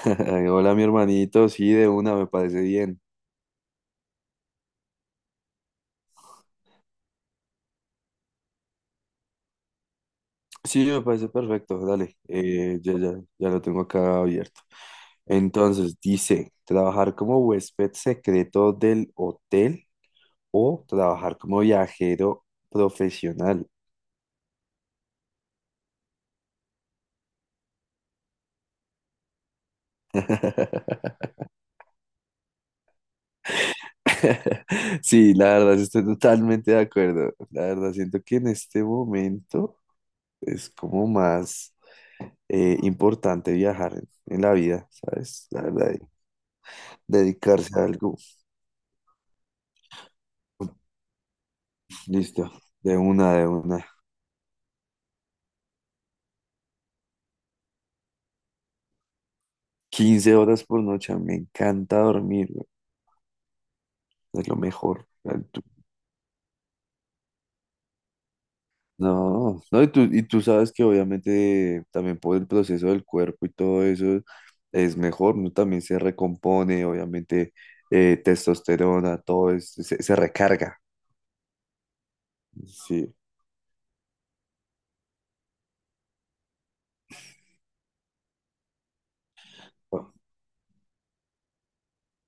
Ay, hola, mi hermanito. Sí, de una, me parece bien. Sí, me parece perfecto. Dale, ya, ya, ya lo tengo acá abierto. Entonces, dice, trabajar como huésped secreto del hotel o trabajar como viajero profesional. Sí, la verdad, sí estoy totalmente de acuerdo. La verdad, siento que en este momento es como más importante viajar en la vida, ¿sabes? La verdad, dedicarse a algo. Listo, de una, de una. 15 horas por noche, me encanta dormir, güey, es lo mejor. Ay. No, no, y tú sabes que obviamente también por el proceso del cuerpo y todo eso es mejor, ¿no? También se recompone, obviamente, testosterona, todo eso, se recarga. Sí.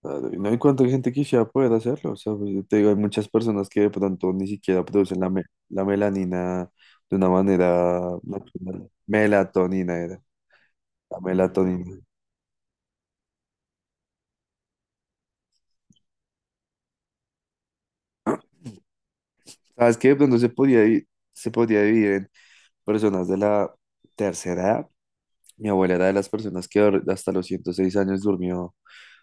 Claro, y no hay cuánta gente quisiera poder hacerlo. O sea, pues, yo te digo, hay muchas personas que de pronto ni siquiera producen la melanina de una manera natural. Melatonina era, la melatonina. ¿Sabes qué? De pronto se podía dividir en personas de la tercera edad. Mi abuela era de las personas que hasta los 106 años durmió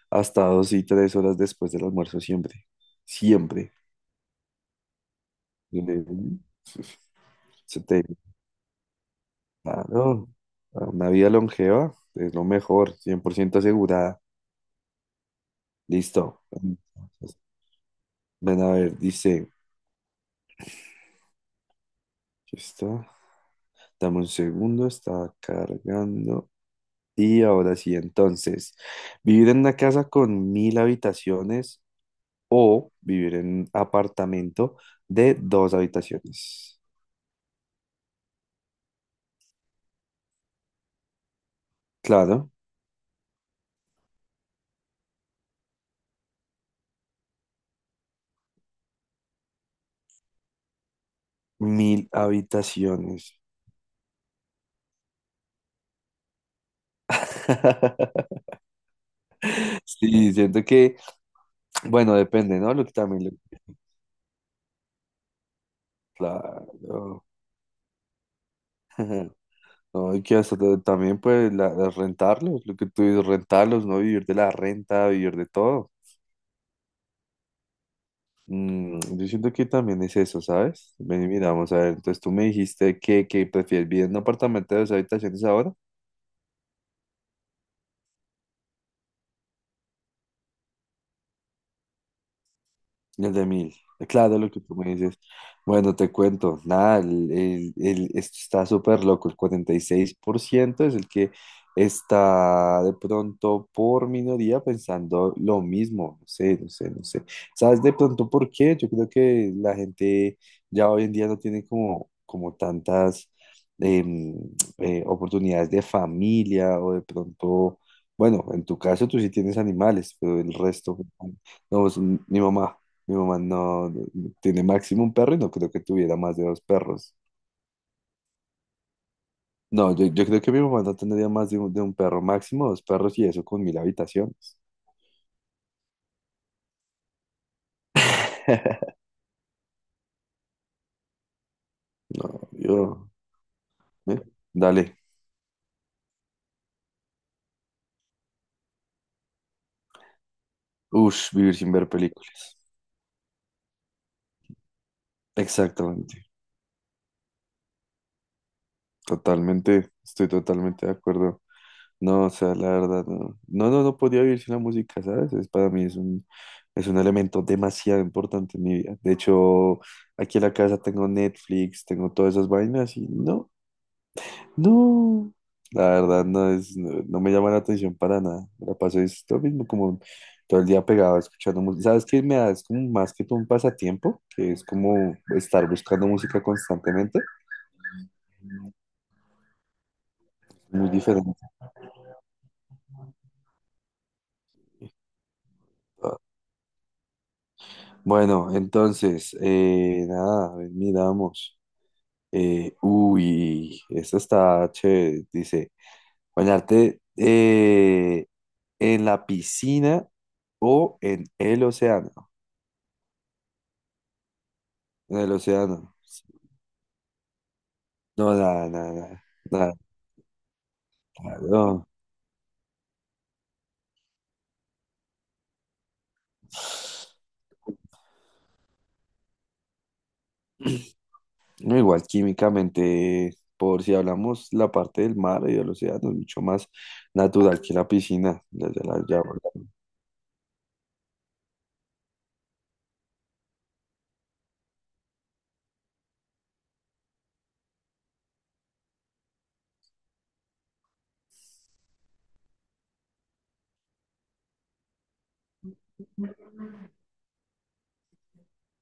hasta 2 y 3 horas después del almuerzo siempre. Siempre. Yo le- Se te Claro, para una vida longeva es lo mejor, 100% asegurada. Listo. Entonces, ven a ver, dice, aquí está, dame un segundo, está cargando. Y ahora sí, entonces, vivir en una casa con 1000 habitaciones o vivir en un apartamento de dos habitaciones. Claro, 1000 habitaciones. Sí, siento que, bueno, depende, ¿no? Lo que también. Claro. No, y que hasta también pues rentarlos, lo que tú dices, rentarlos, no vivir de la renta, vivir de todo. Yo siento que también es eso, ¿sabes? Ven y miramos a ver, entonces tú me dijiste que prefieres vivir en un apartamento de dos habitaciones ahora. El de mil. Claro, lo que tú me dices. Bueno, te cuento. Nada, esto está súper loco. El 46% es el que está de pronto por minoría pensando lo mismo. No sé, no sé, no sé. ¿Sabes de pronto por qué? Yo creo que la gente ya hoy en día no tiene como tantas em, oportunidades de familia o de pronto, bueno, en tu caso tú sí tienes animales, pero el resto, pues, no, es mi mamá. Mi mamá no tiene máximo un perro y no creo que tuviera más de dos perros. No, yo creo que mi mamá no tendría más de un perro, máximo dos perros y eso con 1000 habitaciones. No, ¿eh? Dale. Ush, vivir sin ver película. Exactamente, totalmente, estoy totalmente de acuerdo. No, o sea, la verdad, no. No podía vivir sin la música, ¿sabes? Para mí es un elemento demasiado importante en mi vida. De hecho, aquí en la casa tengo Netflix, tengo todas esas vainas y no, no, la verdad no es, no, no me llama la atención para nada. Me la paso es lo mismo, como todo el día pegado escuchando música. ¿Sabes qué me da? Es como más que todo un pasatiempo, que es como estar buscando música constantemente. Muy diferente. Bueno, entonces, nada, a ver, miramos. Uy, esta está chévere. Dice, bañarte en la piscina o en el océano. En el océano. No, nada, nada, nada, nada, claro. No, no, igual químicamente, por si hablamos la parte del mar y del océano, es mucho más natural que la piscina. Ya.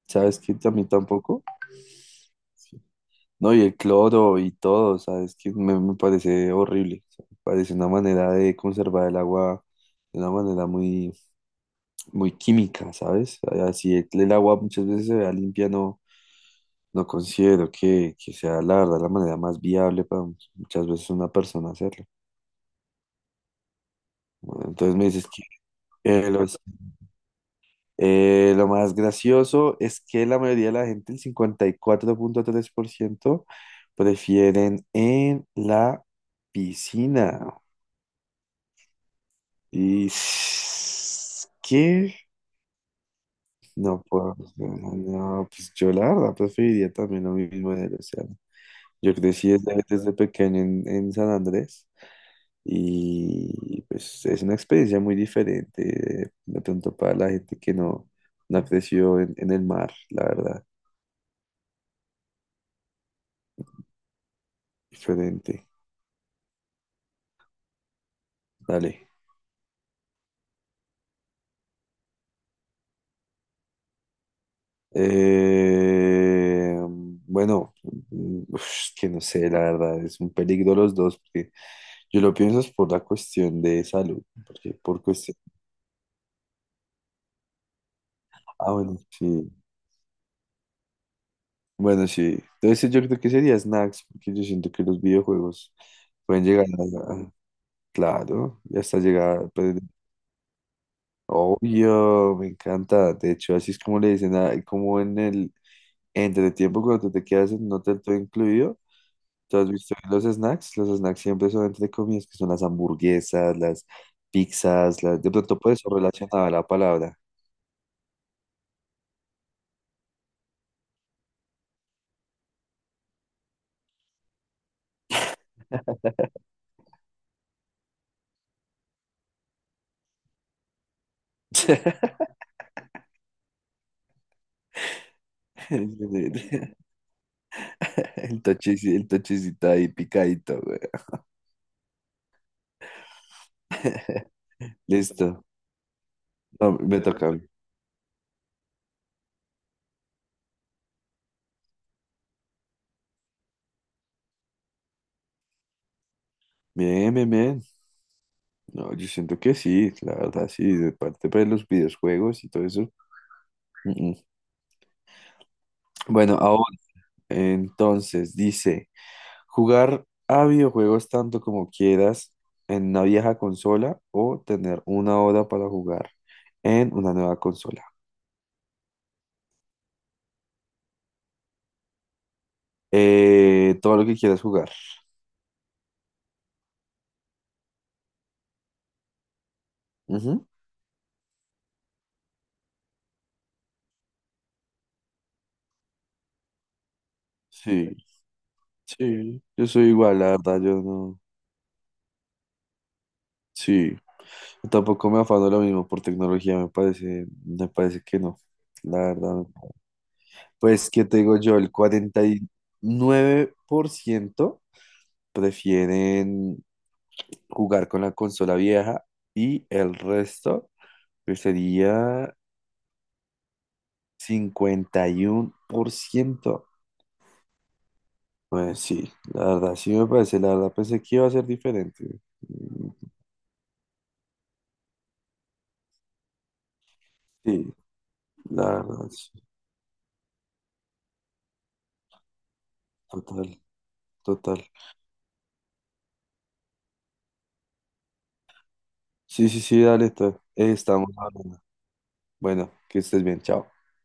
¿Sabes qué? A mí tampoco. Sí. No, y el cloro y todo, ¿sabes? Que me parece horrible. O sea, me parece una manera de conservar el agua de una manera muy, muy química, ¿sabes? Así el agua muchas veces se vea limpia, no, no considero que sea la verdad la manera más viable para muchas veces una persona hacerlo. Bueno, entonces me dices que eh, los- lo más gracioso es que la mayoría de la gente, el 54,3% prefieren en la piscina. ¿Y qué? No puedo. No, no, pues yo la verdad preferiría también lo mismo en el océano. Yo crecí desde pequeño en San Andrés. Y pues es una experiencia muy diferente, de pronto para la gente que no creció en el mar, la verdad, diferente. Dale. Bueno, uf, que no sé, la verdad, es un peligro los dos, porque yo lo pienso es por la cuestión de salud, porque por cuestión... Ah, bueno, sí. Bueno, sí. Entonces yo creo que sería snacks, porque yo siento que los videojuegos pueden llegar a... a- Claro, ya está llegada. Obvio, me encanta. De hecho, así es como le dicen, como en el entretiempo cuando te quedas en un hotel todo incluido. ¿Tú has visto los snacks? Los snacks siempre son entre comidas, que son las hamburguesas, las pizzas, de pronto puede ser relacionada a la palabra. El el tochicito ahí picadito, güey. Listo. No, me toca a mí. Bien, bien, bien. No, yo siento que sí, la verdad, sí, de parte pues, de los videojuegos y todo eso. Mm, mm. Bueno, ahora... Entonces, dice, jugar a videojuegos tanto como quieras en una vieja consola o tener 1 hora para jugar en una nueva consola. Todo lo que quieras jugar. Ujú. Sí, sí, yo soy igual, la verdad, yo no. Sí, yo tampoco me afano lo mismo por tecnología, me parece que no, la verdad. No. Pues, ¿qué te digo yo? El 49% prefieren jugar con la consola vieja y el resto que sería 51%. Pues sí, la verdad, sí me parece, la verdad pensé que iba a ser diferente. Mm, sí, la verdad, sí, total, total. Sí, sí, sí, dale, estamos hablando. Bueno, que estés bien, chao.